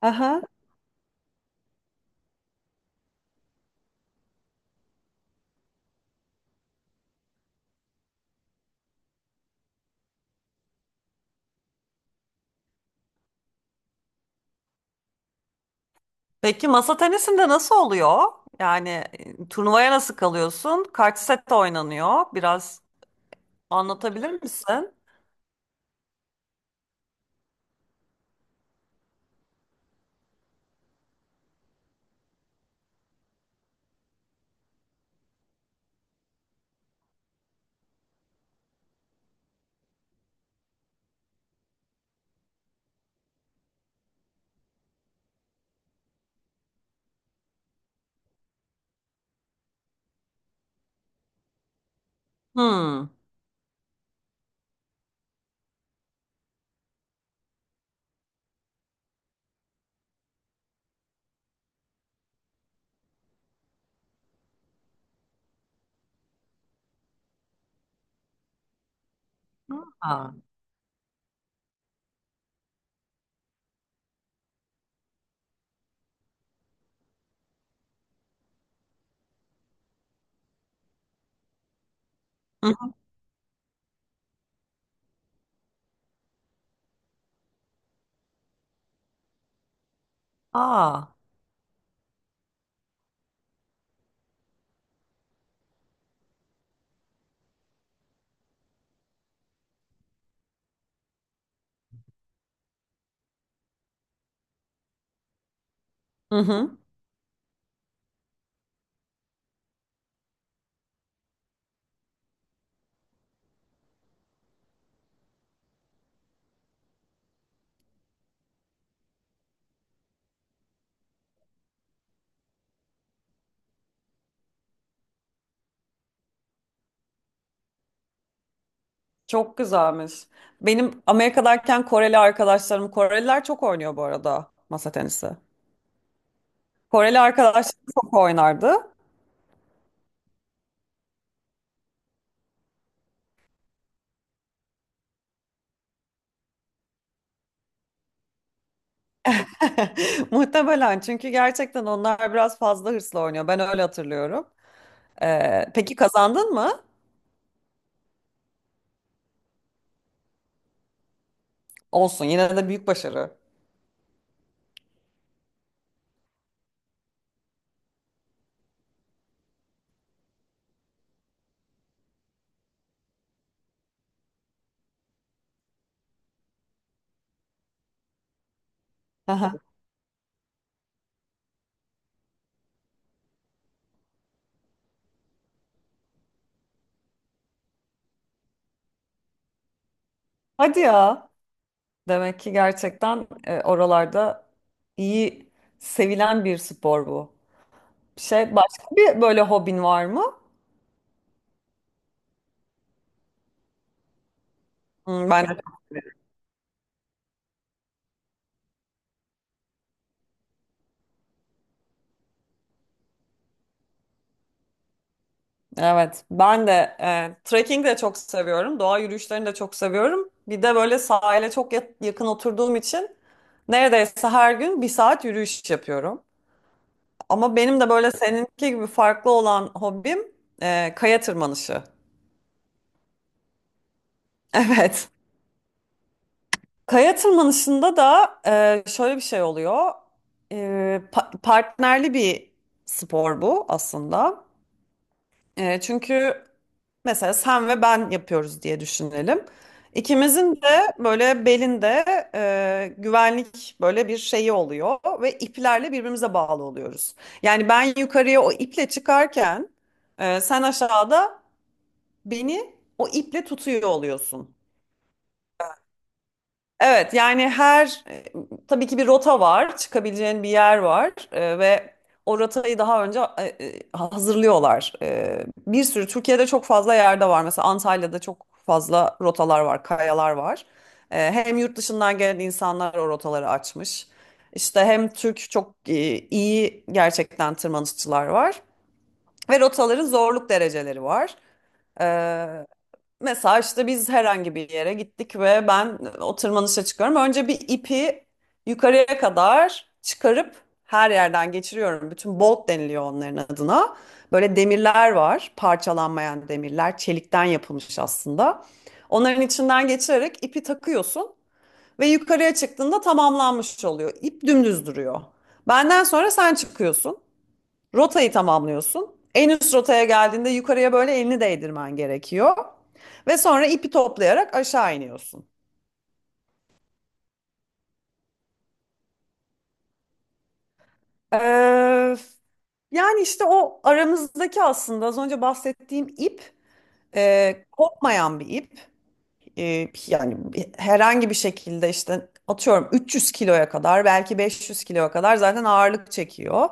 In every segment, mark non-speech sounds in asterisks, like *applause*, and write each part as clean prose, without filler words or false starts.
Aha. Peki masa tenisinde nasıl oluyor? Yani turnuvaya nasıl kalıyorsun? Kaç sette oynanıyor? Biraz anlatabilir misin? Hmm. Aa. Hı hı. Aa. Hı hı. Çok güzelmiş. Benim Amerika'dayken Koreli arkadaşlarım, Koreliler çok oynuyor bu arada masa tenisi. Koreli arkadaşlarım çok oynardı. *laughs* Muhtemelen çünkü gerçekten onlar biraz fazla hırslı oynuyor. Ben öyle hatırlıyorum. Peki kazandın mı? Olsun yine de büyük başarı. Aha. Hadi ya. Demek ki gerçekten oralarda iyi sevilen bir spor bu. Başka bir böyle hobin var mı? Hmm, evet ben de trekking de çok seviyorum. Doğa yürüyüşlerini de çok seviyorum. Bir de böyle sahile çok yakın oturduğum için neredeyse her gün bir saat yürüyüş yapıyorum. Ama benim de böyle seninki gibi farklı olan hobim kaya tırmanışı. *laughs* Evet. Kaya tırmanışında da şöyle bir şey oluyor. E, Partnerli bir spor bu aslında. Çünkü mesela sen ve ben yapıyoruz diye düşünelim. İkimizin de böyle belinde güvenlik böyle bir şeyi oluyor ve iplerle birbirimize bağlı oluyoruz. Yani ben yukarıya o iple çıkarken sen aşağıda beni o iple tutuyor oluyorsun. Evet, yani her tabii ki bir rota var, çıkabileceğin bir yer var, ve o rotayı daha önce hazırlıyorlar. Bir sürü Türkiye'de çok fazla yerde var. Mesela Antalya'da çok fazla rotalar var, kayalar var. Hem yurt dışından gelen insanlar o rotaları açmış. İşte hem Türk çok iyi gerçekten tırmanışçılar var ve rotaların zorluk dereceleri var. E, Mesela işte biz herhangi bir yere gittik ve ben o tırmanışa çıkıyorum. Önce bir ipi yukarıya kadar çıkarıp her yerden geçiriyorum. Bütün bolt deniliyor onların adına. Böyle demirler var, parçalanmayan demirler, çelikten yapılmış aslında. Onların içinden geçirerek ipi takıyorsun ve yukarıya çıktığında tamamlanmış oluyor. İp dümdüz duruyor. Benden sonra sen çıkıyorsun. Rotayı tamamlıyorsun. En üst rotaya geldiğinde yukarıya böyle elini değdirmen gerekiyor. Ve sonra ipi toplayarak aşağı iniyorsun. Ee, yani işte o aramızdaki aslında az önce bahsettiğim ip kopmayan bir ip. Yani herhangi bir şekilde işte atıyorum 300 kiloya kadar, belki 500 kiloya kadar zaten ağırlık çekiyor.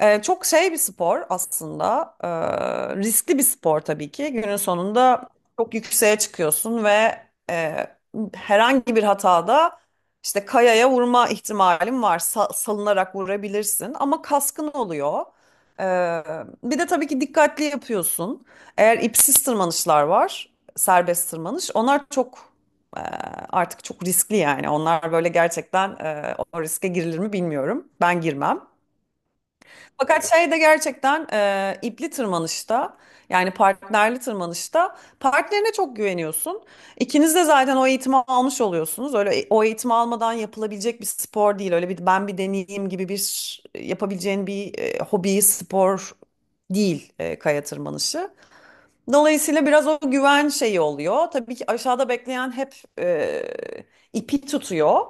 Çok şey bir spor aslında. Riskli bir spor tabii ki. Günün sonunda çok yükseğe çıkıyorsun ve e, herhangi bir hatada işte kayaya vurma ihtimalin var. Salınarak vurabilirsin ama kaskın oluyor. E, Bir de tabii ki dikkatli yapıyorsun. Eğer ipsiz tırmanışlar var, serbest tırmanış. Onlar çok e, artık çok riskli yani. Onlar böyle gerçekten, o riske girilir mi bilmiyorum. Ben girmem. Fakat şey de gerçekten ipli tırmanışta, yani partnerli tırmanışta, partnerine çok güveniyorsun. İkiniz de zaten o eğitimi almış oluyorsunuz. Öyle o eğitimi almadan yapılabilecek bir spor değil. Öyle bir ben bir deneyeyim gibi bir yapabileceğin bir hobi, spor değil kaya tırmanışı. Dolayısıyla biraz o güven şeyi oluyor. Tabii ki aşağıda bekleyen hep ipi tutuyor.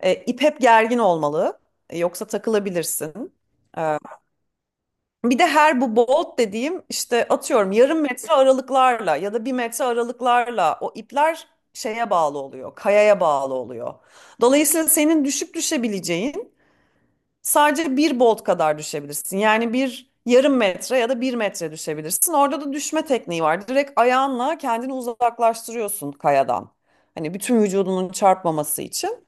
İp hep gergin olmalı. Yoksa takılabilirsin. E, Bir de her bu bolt dediğim işte atıyorum yarım metre aralıklarla ya da bir metre aralıklarla o ipler şeye bağlı oluyor. Kayaya bağlı oluyor. Dolayısıyla senin düşüp düşebileceğin sadece bir bolt kadar düşebilirsin. Yani bir yarım metre ya da bir metre düşebilirsin. Orada da düşme tekniği var. Direkt ayağınla kendini uzaklaştırıyorsun kayadan. Hani bütün vücudunun çarpmaması için.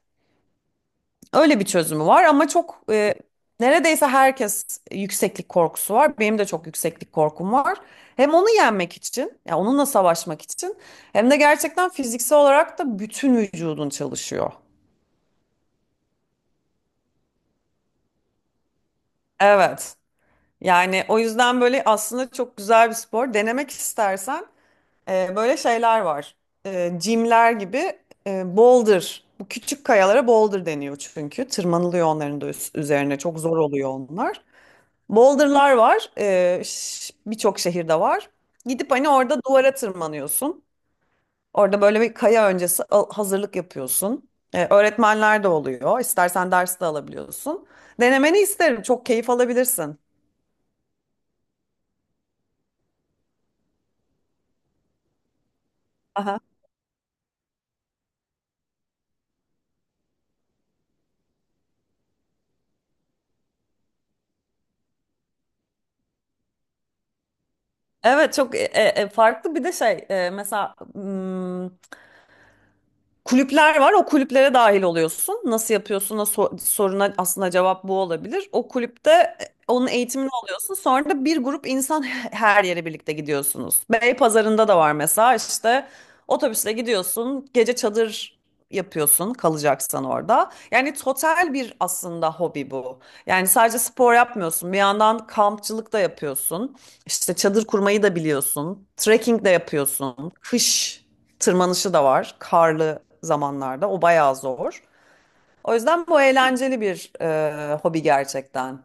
Öyle bir çözümü var ama çok neredeyse herkes yükseklik korkusu var. Benim de çok yükseklik korkum var. Hem onu yenmek için, ya onunla savaşmak için, hem de gerçekten fiziksel olarak da bütün vücudun çalışıyor. Evet. Yani o yüzden böyle aslında çok güzel bir spor. Denemek istersen böyle şeyler var. Jimler gibi, boulder. Bu küçük kayalara boulder deniyor çünkü. Tırmanılıyor onların da üzerine. Çok zor oluyor onlar. Boulder'lar var. Birçok şehirde var. Gidip hani orada duvara tırmanıyorsun. Orada böyle bir kaya öncesi hazırlık yapıyorsun. Öğretmenler de oluyor. İstersen ders de alabiliyorsun. Denemeni isterim. Çok keyif alabilirsin. Evet, çok farklı bir de şey, mesela kulüpler var. O kulüplere dahil oluyorsun. Nasıl yapıyorsun? Soruna aslında cevap bu olabilir. O kulüpte onun eğitimini alıyorsun. Sonra da bir grup insan *laughs* her yere birlikte gidiyorsunuz. Beypazarı'nda da var mesela işte, otobüsle gidiyorsun. Gece çadır yapıyorsun kalacaksan orada. Yani total bir aslında hobi bu. Yani sadece spor yapmıyorsun. Bir yandan kampçılık da yapıyorsun. İşte çadır kurmayı da biliyorsun. Trekking de yapıyorsun. Kış tırmanışı da var karlı zamanlarda. O bayağı zor. O yüzden bu eğlenceli bir hobi gerçekten.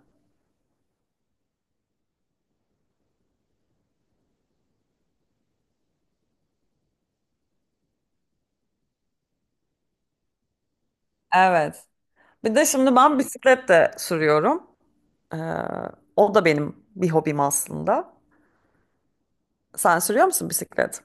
Evet. Bir de şimdi ben bisiklet de sürüyorum. E, O da benim bir hobim aslında. Sen sürüyor musun bisiklet?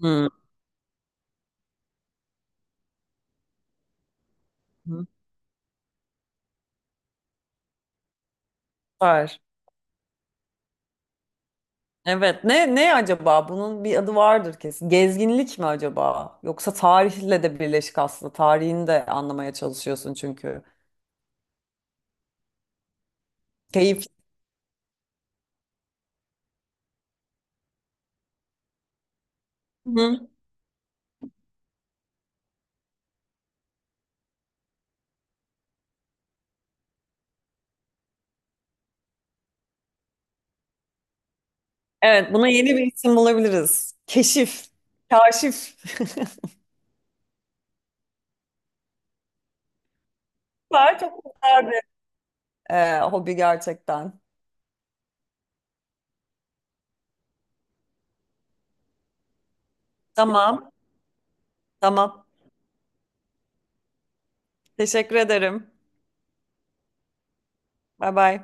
Hı. Hı. Var. Evet. Ne acaba? Bunun bir adı vardır kesin. Gezginlik mi acaba? Yoksa tarihle de birleşik aslında. Tarihini de anlamaya çalışıyorsun çünkü. Keyif. Evet, buna yeni bir isim bulabiliriz. Keşif, kaşif. *laughs* Süper, çok güzel bir hobi gerçekten. Tamam, tamam. Teşekkür ederim. Bay bay.